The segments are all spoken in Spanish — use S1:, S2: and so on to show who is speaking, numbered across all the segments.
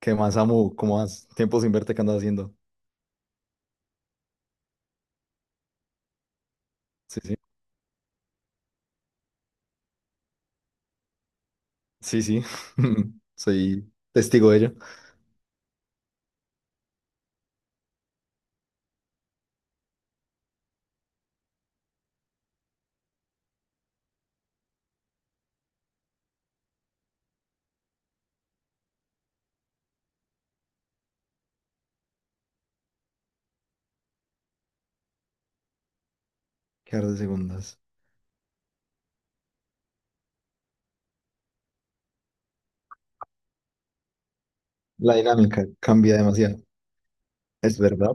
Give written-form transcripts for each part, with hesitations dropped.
S1: ¿Qué más, Samu? ¿Cómo vas? Tiempo sin verte, ¿qué andas haciendo? Sí, sí. Sí, sí. Soy testigo de ello. Quedar de segundas. La dinámica cambia demasiado. Es verdad.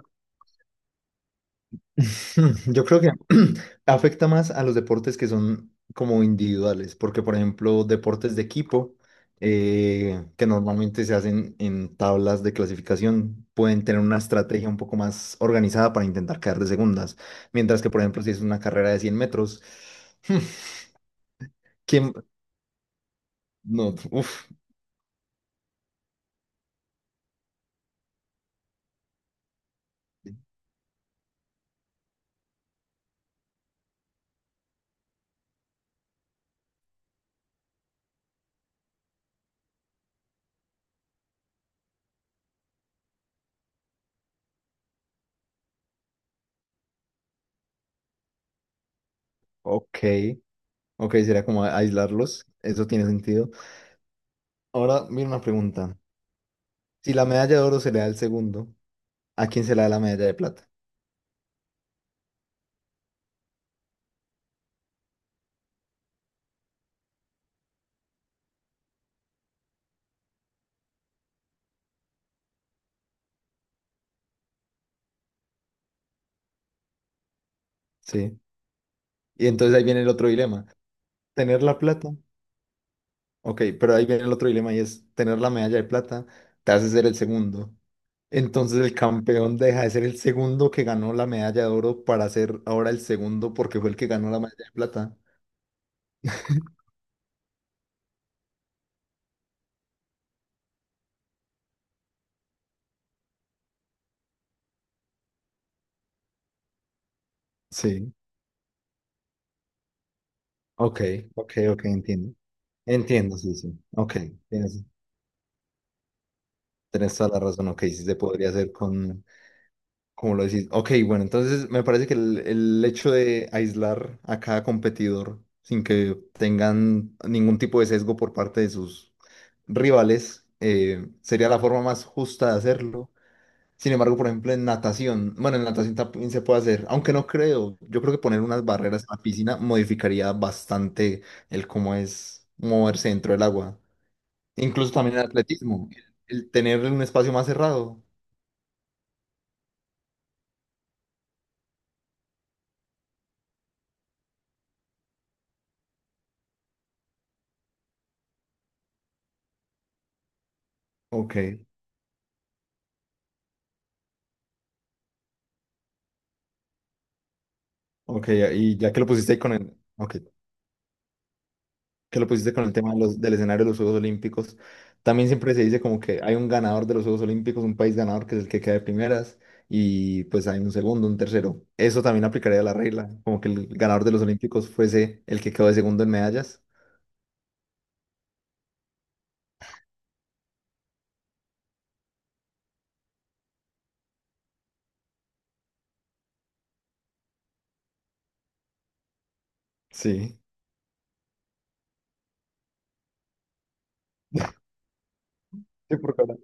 S1: Yo creo que afecta más a los deportes que son como individuales, porque por ejemplo, deportes de equipo que normalmente se hacen en tablas de clasificación pueden tener una estrategia un poco más organizada para intentar quedar de segundas, mientras que por ejemplo, si es una carrera de 100 metros. ¿Quién? No, uff, ok. Ok, sería como aislarlos. Eso tiene sentido. Ahora, mira una pregunta. Si la medalla de oro se le da al segundo, ¿a quién se le da la medalla de plata? Sí. Y entonces ahí viene el otro dilema. Tener la plata. Ok, pero ahí viene el otro dilema, y es tener la medalla de plata te hace ser el segundo. Entonces el campeón deja de ser el segundo que ganó la medalla de oro para ser ahora el segundo porque fue el que ganó la medalla de plata. Sí, ok, ok, ok, entiendo. Entiendo, sí, sí. Ok, tienes- tenés toda la razón, ok, sí se podría hacer con, como lo decís. Ok, bueno, entonces me parece que el hecho de aislar a cada competidor sin que tengan ningún tipo de sesgo por parte de sus rivales sería la forma más justa de hacerlo. Sin embargo, por ejemplo, en natación, bueno, en natación también se puede hacer, aunque no creo, yo creo que poner unas barreras en la piscina modificaría bastante el cómo es moverse dentro del agua. Incluso también en atletismo, el tener un espacio más cerrado. Ok, ok, y ya que lo pusiste con el, ok, que lo pusiste con el tema de los, del escenario de los Juegos Olímpicos, también siempre se dice como que hay un ganador de los Juegos Olímpicos, un país ganador que es el que queda de primeras, y pues hay un segundo, un tercero. Eso también aplicaría la regla, como que el ganador de los Olímpicos fuese el que quedó de segundo en medallas. Sí. Sí, por cada.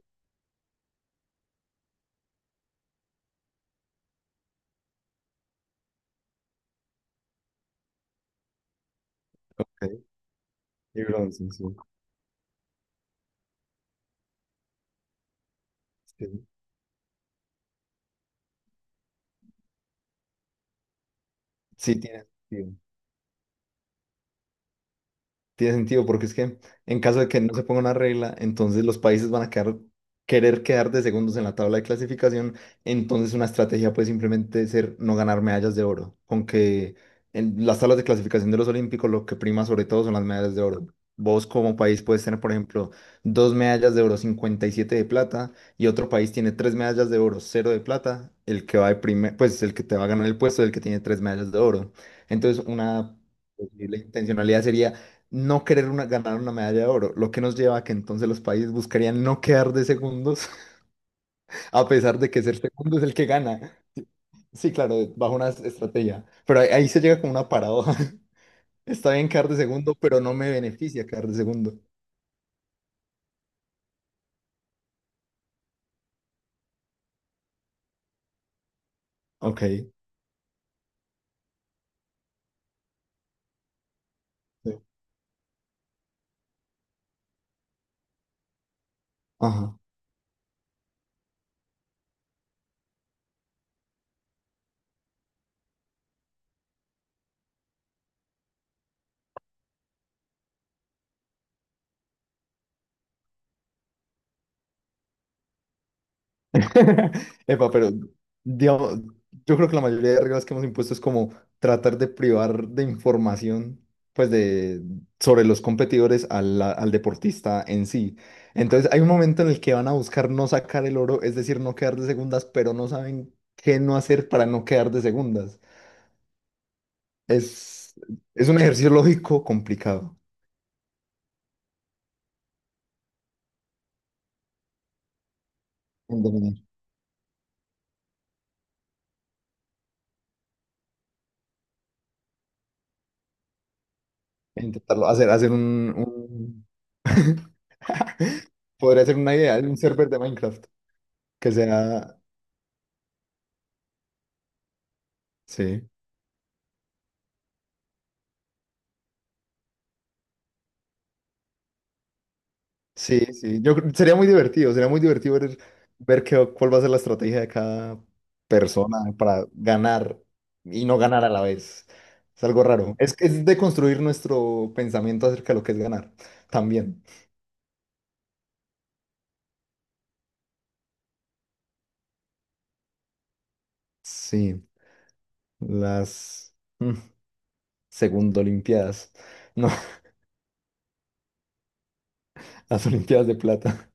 S1: Ok, y bronce, sí. Sí, sí tiene sentido. Tiene sentido, porque es que en caso de que no se ponga una regla, entonces los países van a querer quedar de segundos en la tabla de clasificación, entonces una estrategia puede simplemente ser no ganar medallas de oro, con que en las tablas de clasificación de los Olímpicos lo que prima sobre todo son las medallas de oro. Vos como país puedes tener, por ejemplo, dos medallas de oro, 57 de plata, y otro país tiene tres medallas de oro, cero de plata; el que va de primer, pues el que te va a ganar el puesto es el que tiene tres medallas de oro. Entonces, una... Pues, la intencionalidad sería no querer ganar una medalla de oro, lo que nos lleva a que entonces los países buscarían no quedar de segundos, a pesar de que ser segundo es el que gana. Sí, claro, bajo una estrategia. Pero ahí se llega como una paradoja. Está bien quedar de segundo, pero no me beneficia quedar de segundo. Ok. Sí. Ajá. Epa, pero digamos, yo creo que la mayoría de reglas que hemos impuesto es como tratar de privar de información, pues de, sobre los competidores al, deportista en sí. Entonces hay un momento en el que van a buscar no sacar el oro, es decir, no quedar de segundas, pero no saben qué no hacer para no quedar de segundas. Es, es un ejercicio lógico complicado. En dominar, en intentarlo hacer un, podría ser una idea de un server de Minecraft que sea... Sí. Sí, sí, sería muy divertido ver, qué, cuál va a ser la estrategia de cada persona para ganar y no ganar a la vez. Es algo raro. Es de construir nuestro pensamiento acerca de lo que es ganar también. Sí, las mm, segundo olimpiadas. No, las olimpiadas de plata.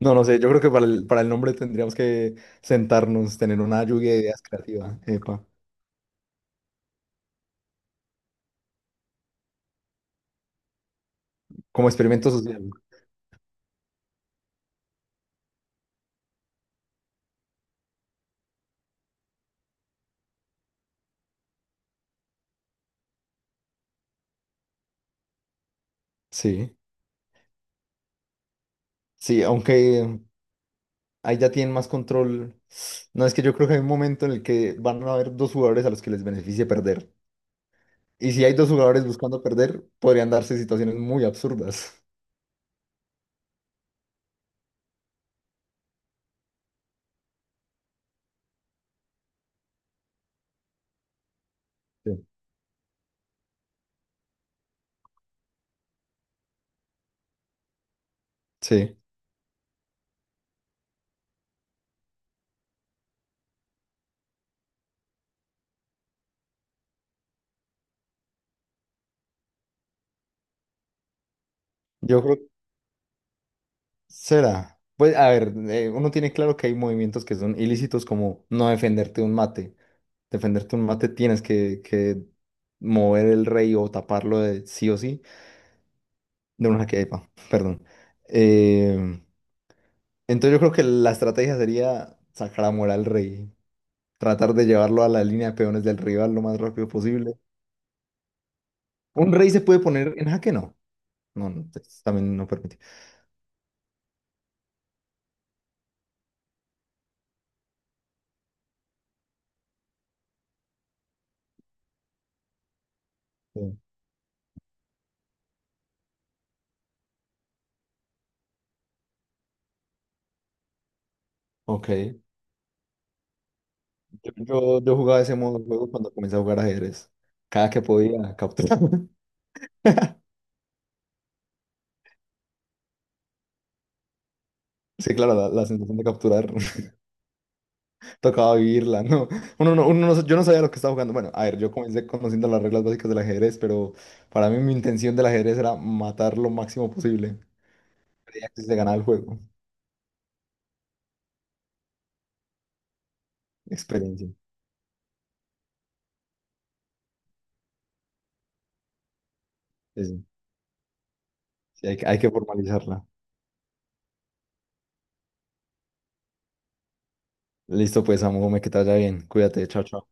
S1: No, no sé, yo creo que para el nombre tendríamos que sentarnos, tener una lluvia de ideas creativas, epa, como experimento social. Sí. Sí, aunque ahí ya tienen más control. No, es que yo creo que hay un momento en el que van a haber dos jugadores a los que les beneficie perder. Y si hay dos jugadores buscando perder, podrían darse situaciones muy absurdas. Sí. Sí, yo creo que será. Pues a ver, uno tiene claro que hay movimientos que son ilícitos como no defenderte un mate. Defenderte un mate tienes que mover el rey o taparlo de sí o sí de una quepa, perdón. Eh, entonces yo creo que la estrategia sería sacar a morar al rey, tratar de llevarlo a la línea de peones del rival lo más rápido posible. Un rey se puede poner en jaque, no. No, no, pues, también no permite. Sí. Ok. Yo jugaba ese modo de juego cuando comencé a jugar ajedrez. Cada que podía capturar. Sí, claro, la sensación de capturar tocaba vivirla, ¿no? Uno, no, uno no- Yo no sabía lo que estaba jugando. Bueno, a ver, yo comencé conociendo las reglas básicas del ajedrez, pero para mí mi intención del ajedrez era matar lo máximo posible. Creía que se ganaba el juego. Experiencia. Sí, sí. Sí, hay que formalizarla. Listo, pues, amo, me que te vaya bien. Cuídate, chao, chao.